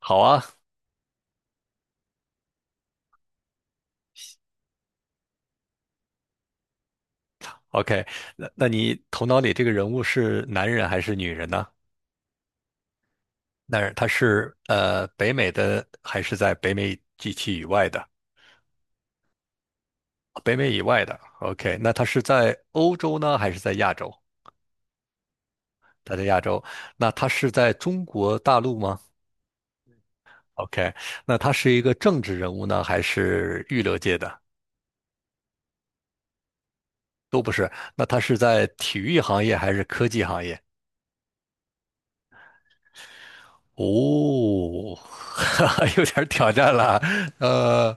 好啊，OK，那你头脑里这个人物是男人还是女人呢？男人，他是北美的还是在北美地区以外的？北美以外的，OK，那他是在欧洲呢还是在亚洲？他在亚洲，那他是在中国大陆吗？OK，那他是一个政治人物呢还是娱乐界的？那他是在体育行业还是科技行业？哦，有点儿挑战了。呃，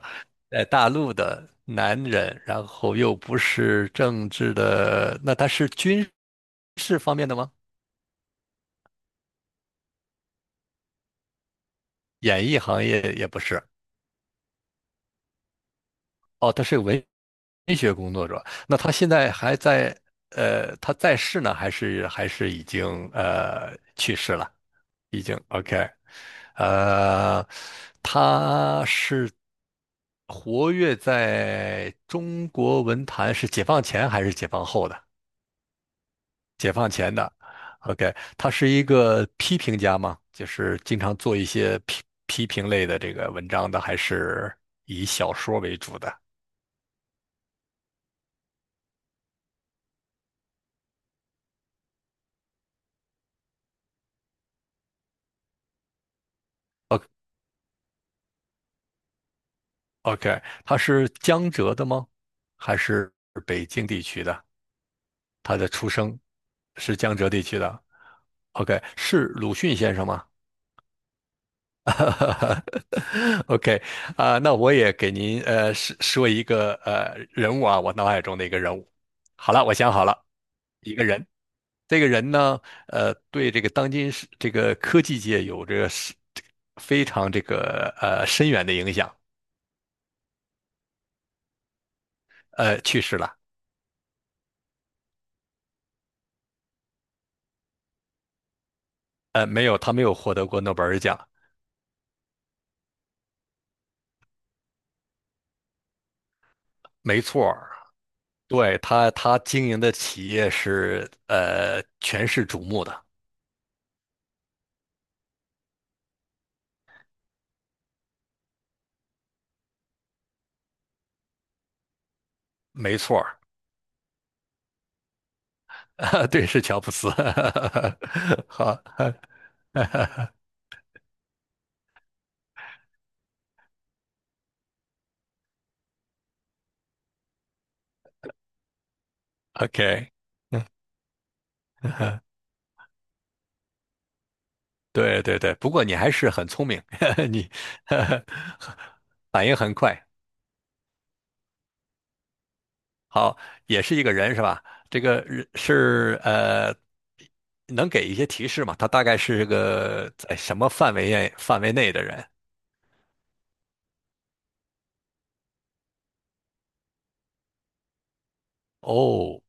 在大陆的男人，然后又不是政治的，那他是军事方面的吗？演艺行业也不是。哦，他是文学工作者。那他现在还在，他在世呢，还是已经去世了？已经 OK。呃，他是。活跃在中国文坛是解放前还是解放后的？解放前的。OK，他是一个批评家吗？就是经常做一些批评类的这个文章的，还是以小说为主的？OK，他是江浙的吗？还是北京地区的？他的出生是江浙地区的。OK，是鲁迅先生吗？OK，啊、那我也给您说说一个人物啊，我脑海中的一个人物。好了，我想好了，一个人。这个人呢，对这个当今是这个科技界有着非常这个深远的影响。去世了。没有，他没有获得过诺贝尔奖。没错儿对，他经营的企业是全市瞩目的。没错儿 对，是乔布斯。好，OK，嗯嗯，对对对，不过你还是很聪明，你 反应很快。好，也是一个人是吧？这个人是能给一些提示吗？他大概是个在什么范围内的人？哦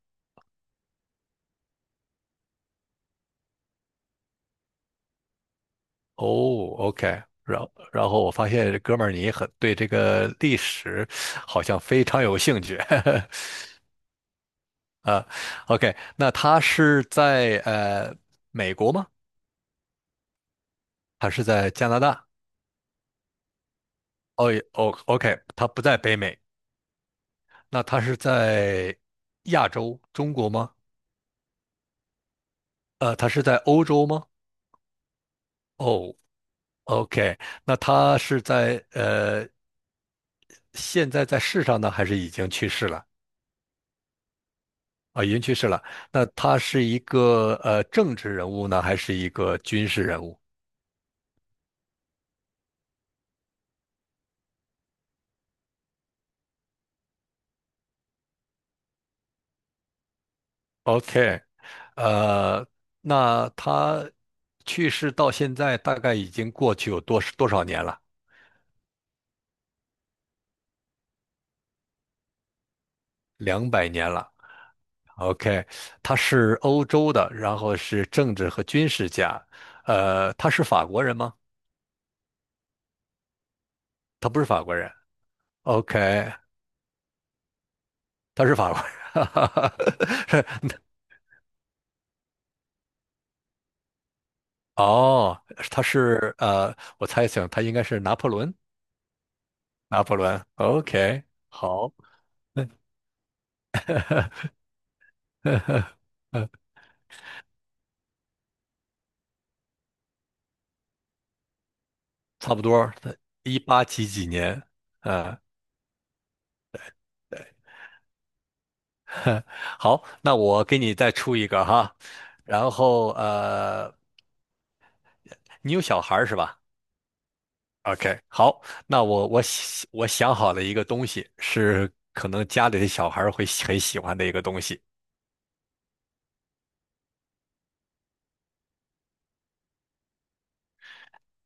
哦，OK。然后我发现哥们儿你很对这个历史好像非常有兴趣，啊，OK，那他是在美国吗？它是在加拿大。哦也哦，OK，他不在北美，那他是在亚洲、中国吗？他是在欧洲吗？哦，OK，那他是在现在在世上呢，还是已经去世了？啊，已经去世了。那他是一个政治人物呢，还是一个军事人物？OK，呃，那他去世到现在大概已经过去有多少年了？200年了。OK，他是欧洲的，然后是政治和军事家。他是法国人吗？他不是法国人。OK，他是法国人。是哦，他是我猜想他应该是拿破仑。拿破仑。OK，好，差不多。一八几几年？呃，好，那我给你再出一个哈。然后你有小孩儿是吧？OK，好，那我想我想好了一个东西，是可能家里的小孩儿会喜很喜欢的一个东西，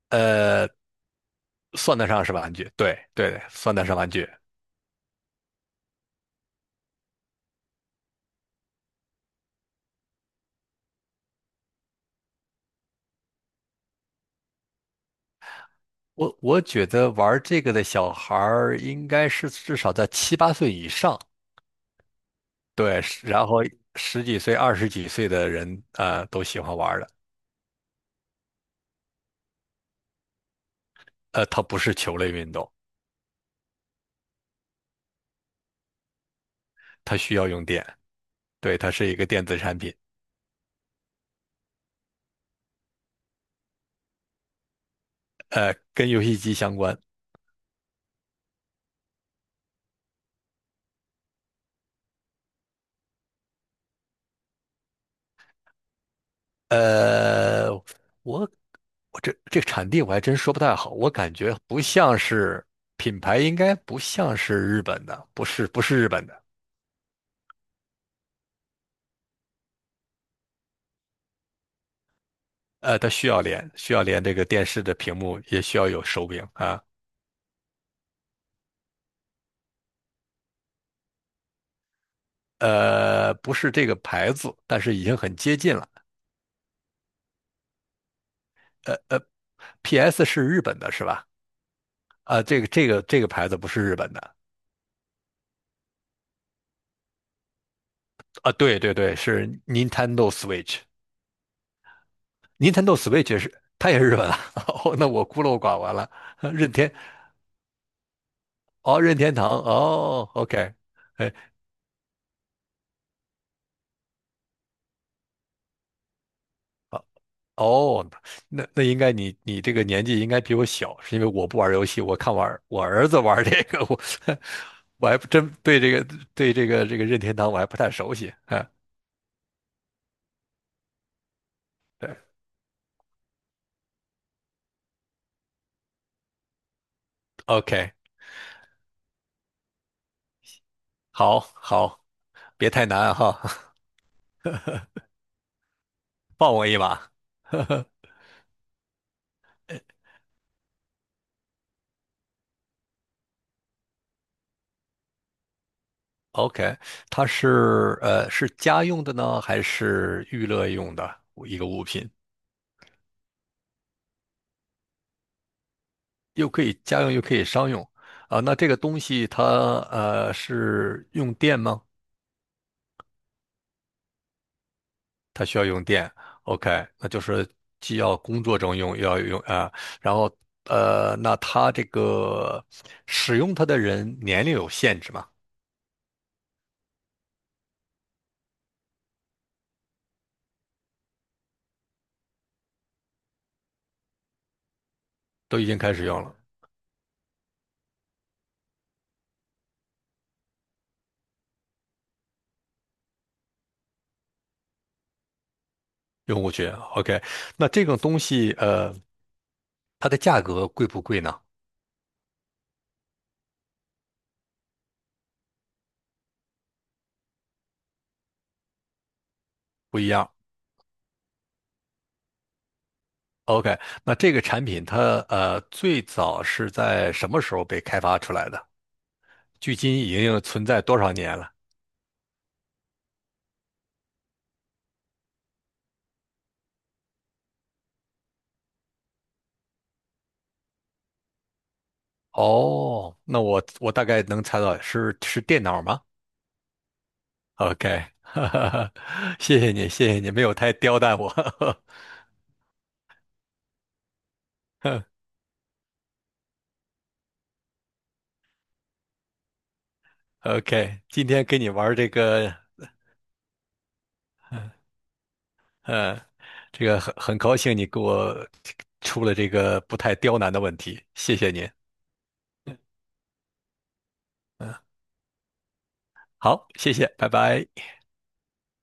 呃，算得上是玩具，对对，算得上玩具。我觉得玩这个的小孩儿应该是至少在七八岁以上，对，是然后十几岁、二十几岁的人，都喜欢玩儿的。它不是球类运动，它需要用电，对，它是一个电子产品，跟游戏机相关。呃，我我这产地我还真说不太好，我感觉不像是品牌，应该不像是日本的，不是不是日本的。它需要连这个电视的屏幕，也需要有手柄啊。不是这个牌子，但是已经很接近了。呃呃，PS 是日本的是吧？啊、这个牌子不是日本的啊，对对对，是 Nintendo Switch。Nintendo Switch 它也是日本的，哦那我孤陋寡闻了。任天哦，任天堂，哦，OK，哎，哦，那应该你这个年纪应该比我小，是因为我不玩游戏，我看玩儿我儿子玩儿这个，我 我还不真对这个任天堂我还不太熟悉，啊。对，OK，好，好，别太难哈，放我一马 ，OK，它是是家用的呢，还是娱乐用的一个物品？又可以家用又可以商用啊。那这个东西它是用电吗？它需要用电。OK，那就是既要工作中用，又要用啊、然后那它这个使用它的人年龄有限制吗？都已经开始用了，用户群。OK，那这种东西它的价格贵不贵呢？不一样。OK，那这个产品它最早是在什么时候被开发出来的？距今已经存在多少年了？哦，那我大概能猜到是电脑吗？OK，哈哈哈，谢谢你，谢谢你，没有太刁难我。OK，今天跟你玩这个，嗯，这个很高兴你给我出了这个不太刁难的问题，谢谢您。嗯，嗯好，谢谢，拜拜。